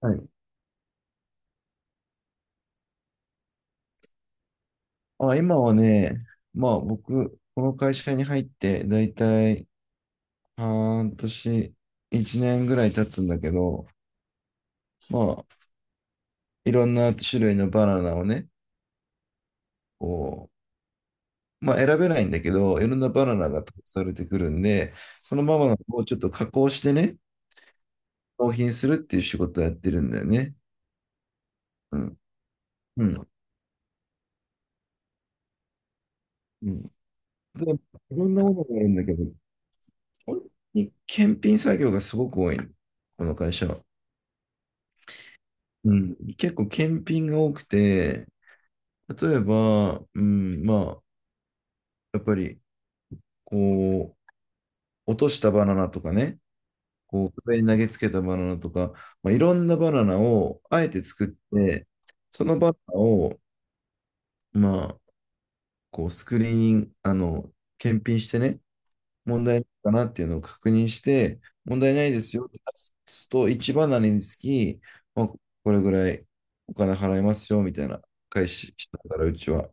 はい。あ、今はね、まあ僕、この会社に入ってだいたい半年、1年ぐらい経つんだけど、まあいろんな種類のバナナをね、こう、まあ選べないんだけど、いろんなバナナが投されてくるんで、そのバナナをちょっと加工してね、納品するっていう仕事をやってるんだよね。うん。うん。うん。で、いろんなものがあるんだけど、本当に検品作業がすごく多いのこの会社は。うん、結構検品が多くて、例えば、うん、まあ、やっぱり、こう、落としたバナナとかね、こう、壁に投げつけたバナナとか、まあ、いろんなバナナをあえて作って、そのバナナを、まあ、こう、スクリーニング、検品してね、問題ないかなっていうのを確認して、問題ないですよって出すと、1バナナにつき、まあ、これぐらいお金払いますよ、みたいな、開始したから、うちは。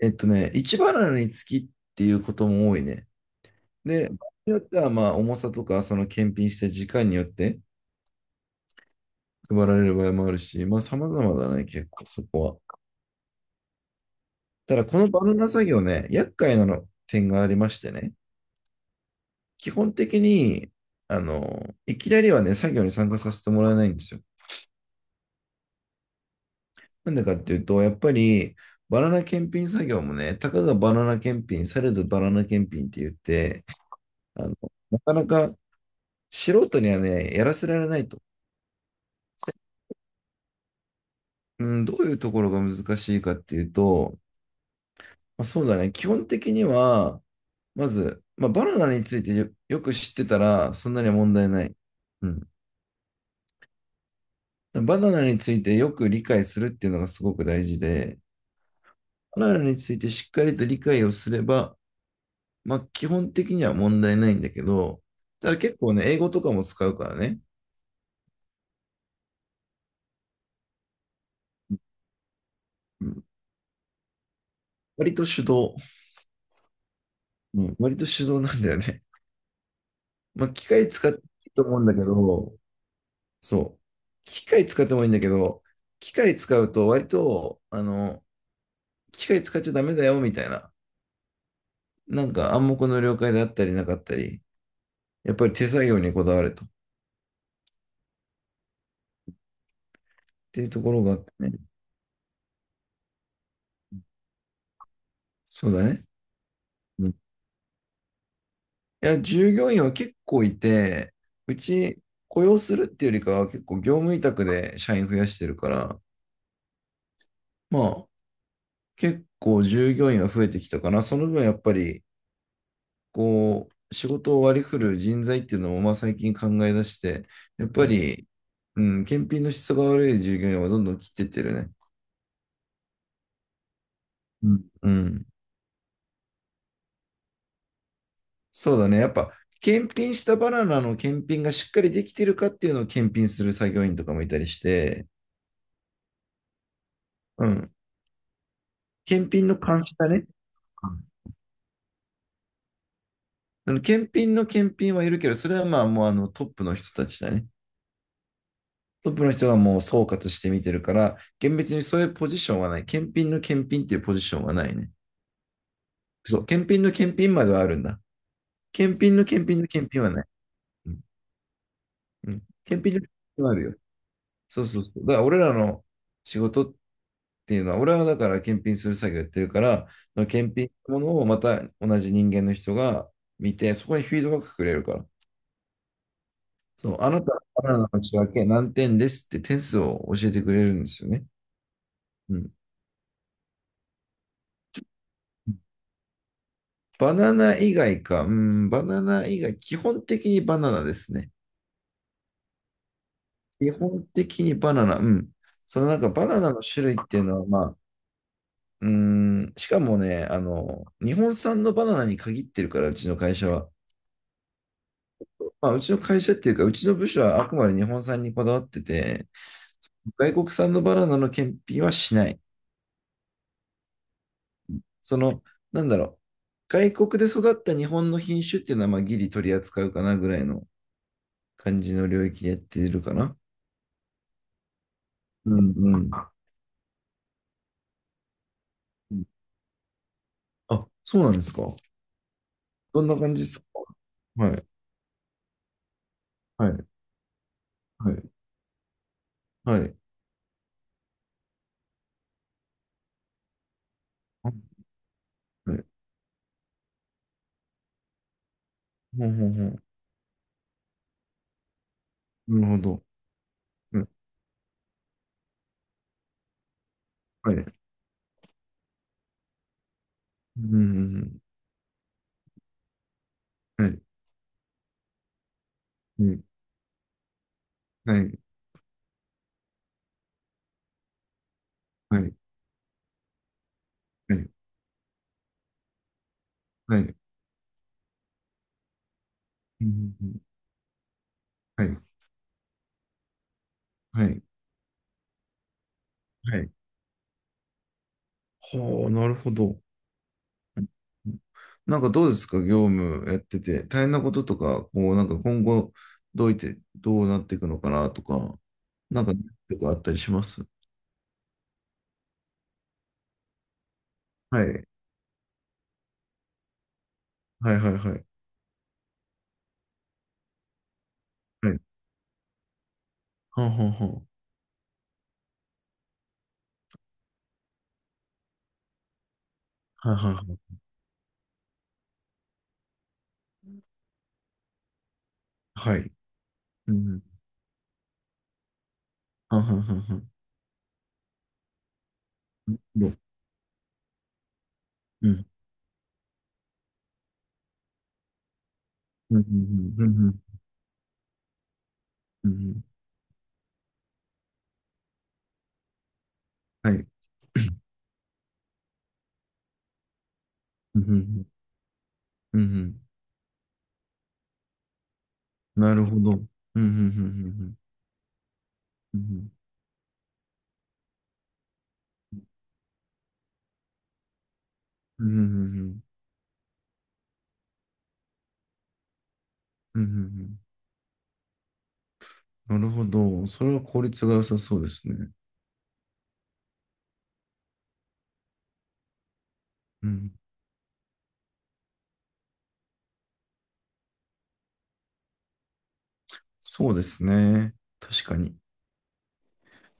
一バナナにつきっていうことも多いね。で、場合によっては、まあ、重さとか、その検品した時間によって配られる場合もあるし、まあ、様々だね、結構そこは。ただ、このバナナ作業ね、厄介なの点がありましてね、基本的に、いきなりはね、作業に参加させてもらえないんですよ。なんでかっていうと、やっぱり、バナナ検品作業もね、たかがバナナ検品、されどバナナ検品って言って、あの、なかなか素人にはね、やらせられないと。うん、どういうところが難しいかっていうと、まあ、そうだね、基本的には、まず、まあ、バナナについてよく知ってたら、そんなに問題ない。うん。バナナについてよく理解するっていうのがすごく大事で、バナナについてしっかりと理解をすれば、まあ、基本的には問題ないんだけど、ただ結構ね、英語とかも使うからね、うん、割と手動、うん、割と手動なんだよね。まあ、機械使っていいと思うんだけど、そう。機械使ってもいいんだけど、機械使うと割と、機械使っちゃダメだよみたいな、なんか暗黙の了解であったりなかったり、やっぱり手作業にこだわると。っていうところがあってね。そうだね。うん。いや、従業員は結構いて、うち雇用するっていうよりかは結構業務委託で社員増やしてるから、まあ結構従業員は増えてきたかな。その分やっぱりこう、仕事を割り振る人材っていうのも、まあ、最近考え出して、やっぱり、うん、検品の質が悪い従業員はどんどん切ってってるね。うん。うん。そうだね。やっぱ、検品したバナナの検品がしっかりできてるかっていうのを検品する作業員とかもいたりして、うん。検品の監視だね。うん。あの検品の検品はいるけど、それはまあもうあのトップの人たちだね。トップの人がもう総括して見てるから、厳密にそういうポジションはない。検品の検品っていうポジションはないね。そう、検品の検品まではあるんだ。検品の検品の検品はない。うん。うん、検品の検品はあるよ。そうそうそう。だから俺らの仕事っていうのは、俺はだから検品する作業やってるから、その検品したものをまた同じ人間の人が見て、そこにフィードバックくれるから。そう、あなた、バナナの仕分け何点ですって点数を教えてくれるんですよね。うん。バナナ以外か、うん、バナナ以外、基本的にバナナですね。基本的にバナナ、うん。そのなんかバナナの種類っていうのは、まあ、うーん、しかもね、日本産のバナナに限ってるから、うちの会社は。まあ、うちの会社っていうか、うちの部署はあくまで日本産にこだわってて、外国産のバナナの検品はしない。その、なんだろう。外国で育った日本の品種っていうのは、まあ、ギリ取り扱うかなぐらいの感じの領域でやってるかな。うん。うん。あ、そうなんですか。どんな感じですか？はい。はい。はい。はい。はい。はいほうほうほう。なるほど。うん。はい。うん。はい。うん。はい。はい。はい。はい。うん。はい。はい。はい。はあ、なるほど。うん。なんかどうですか、業務やってて、大変なこととか、こう、なんか今後、どういって、どうなっていくのかなとか、なんか、とかあったりします。はい。はいはいはい。はい。はんはあはあ。はいはいはい。はい。うん。はんはあはんはん。なるほど。うんうんうんうんうんうんはい。うんうんうんうん。なるほど。うんうんうんうんうんうんうんうんうん。なるほど。それは効率が良さそうですね。うん。そうですね。確かに。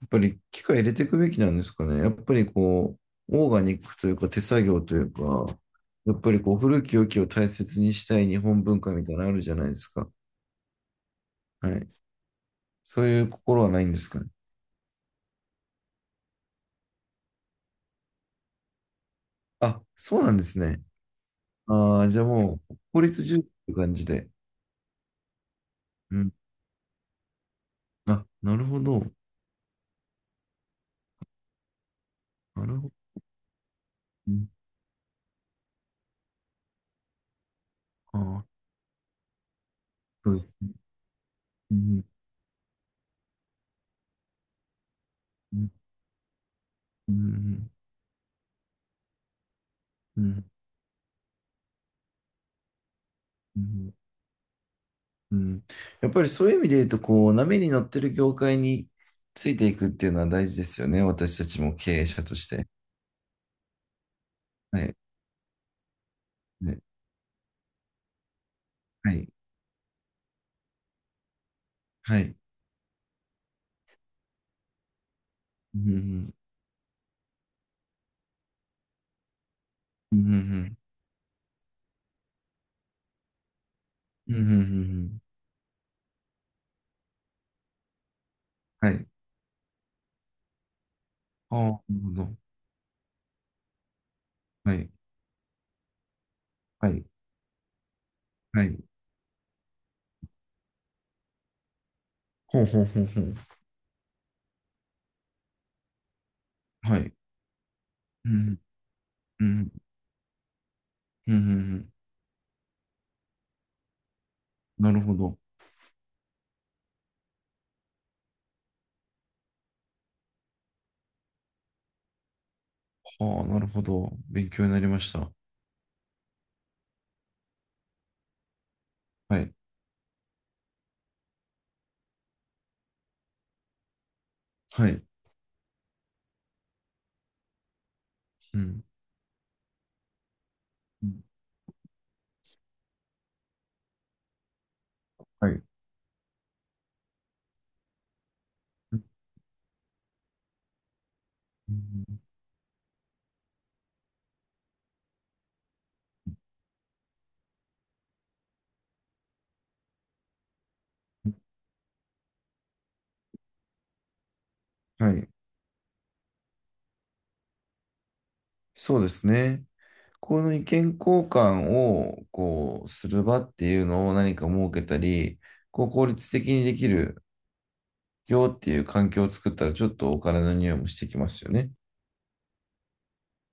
やっぱり機械入れていくべきなんですかね。やっぱりこう、オーガニックというか手作業というか、やっぱりこう、古き良きを大切にしたい日本文化みたいなのあるじゃないですか。はい。そういう心はないんですかね。あ、そうなんですね。ああ、じゃあもう、効率重視って感じで。うん。あ、なるほど。なるほど。うん。ああ、そうですね。うん、うん、うん、うん、うん。うん。やっぱりそういう意味で言うと、こう、波に乗ってる業界についていくっていうのは大事ですよね。私たちも経営者として。はい。ね。はい。はい。うん、うん、うん、うん、うん、うん。うんうん。はい。ああ、なるほど。はい。はい。はい。ほうほうほうほう。はい。うん、うん、うん、うん。うん。なるほど。はあ、なるほど。勉強になりました。はい。はい。うん。うん。はい。うん。はい。そうですね。この意見交換を、こう、する場っていうのを何か設けたり、こう、効率的にできるよっていう環境を作ったら、ちょっとお金の匂いもしてきますよね。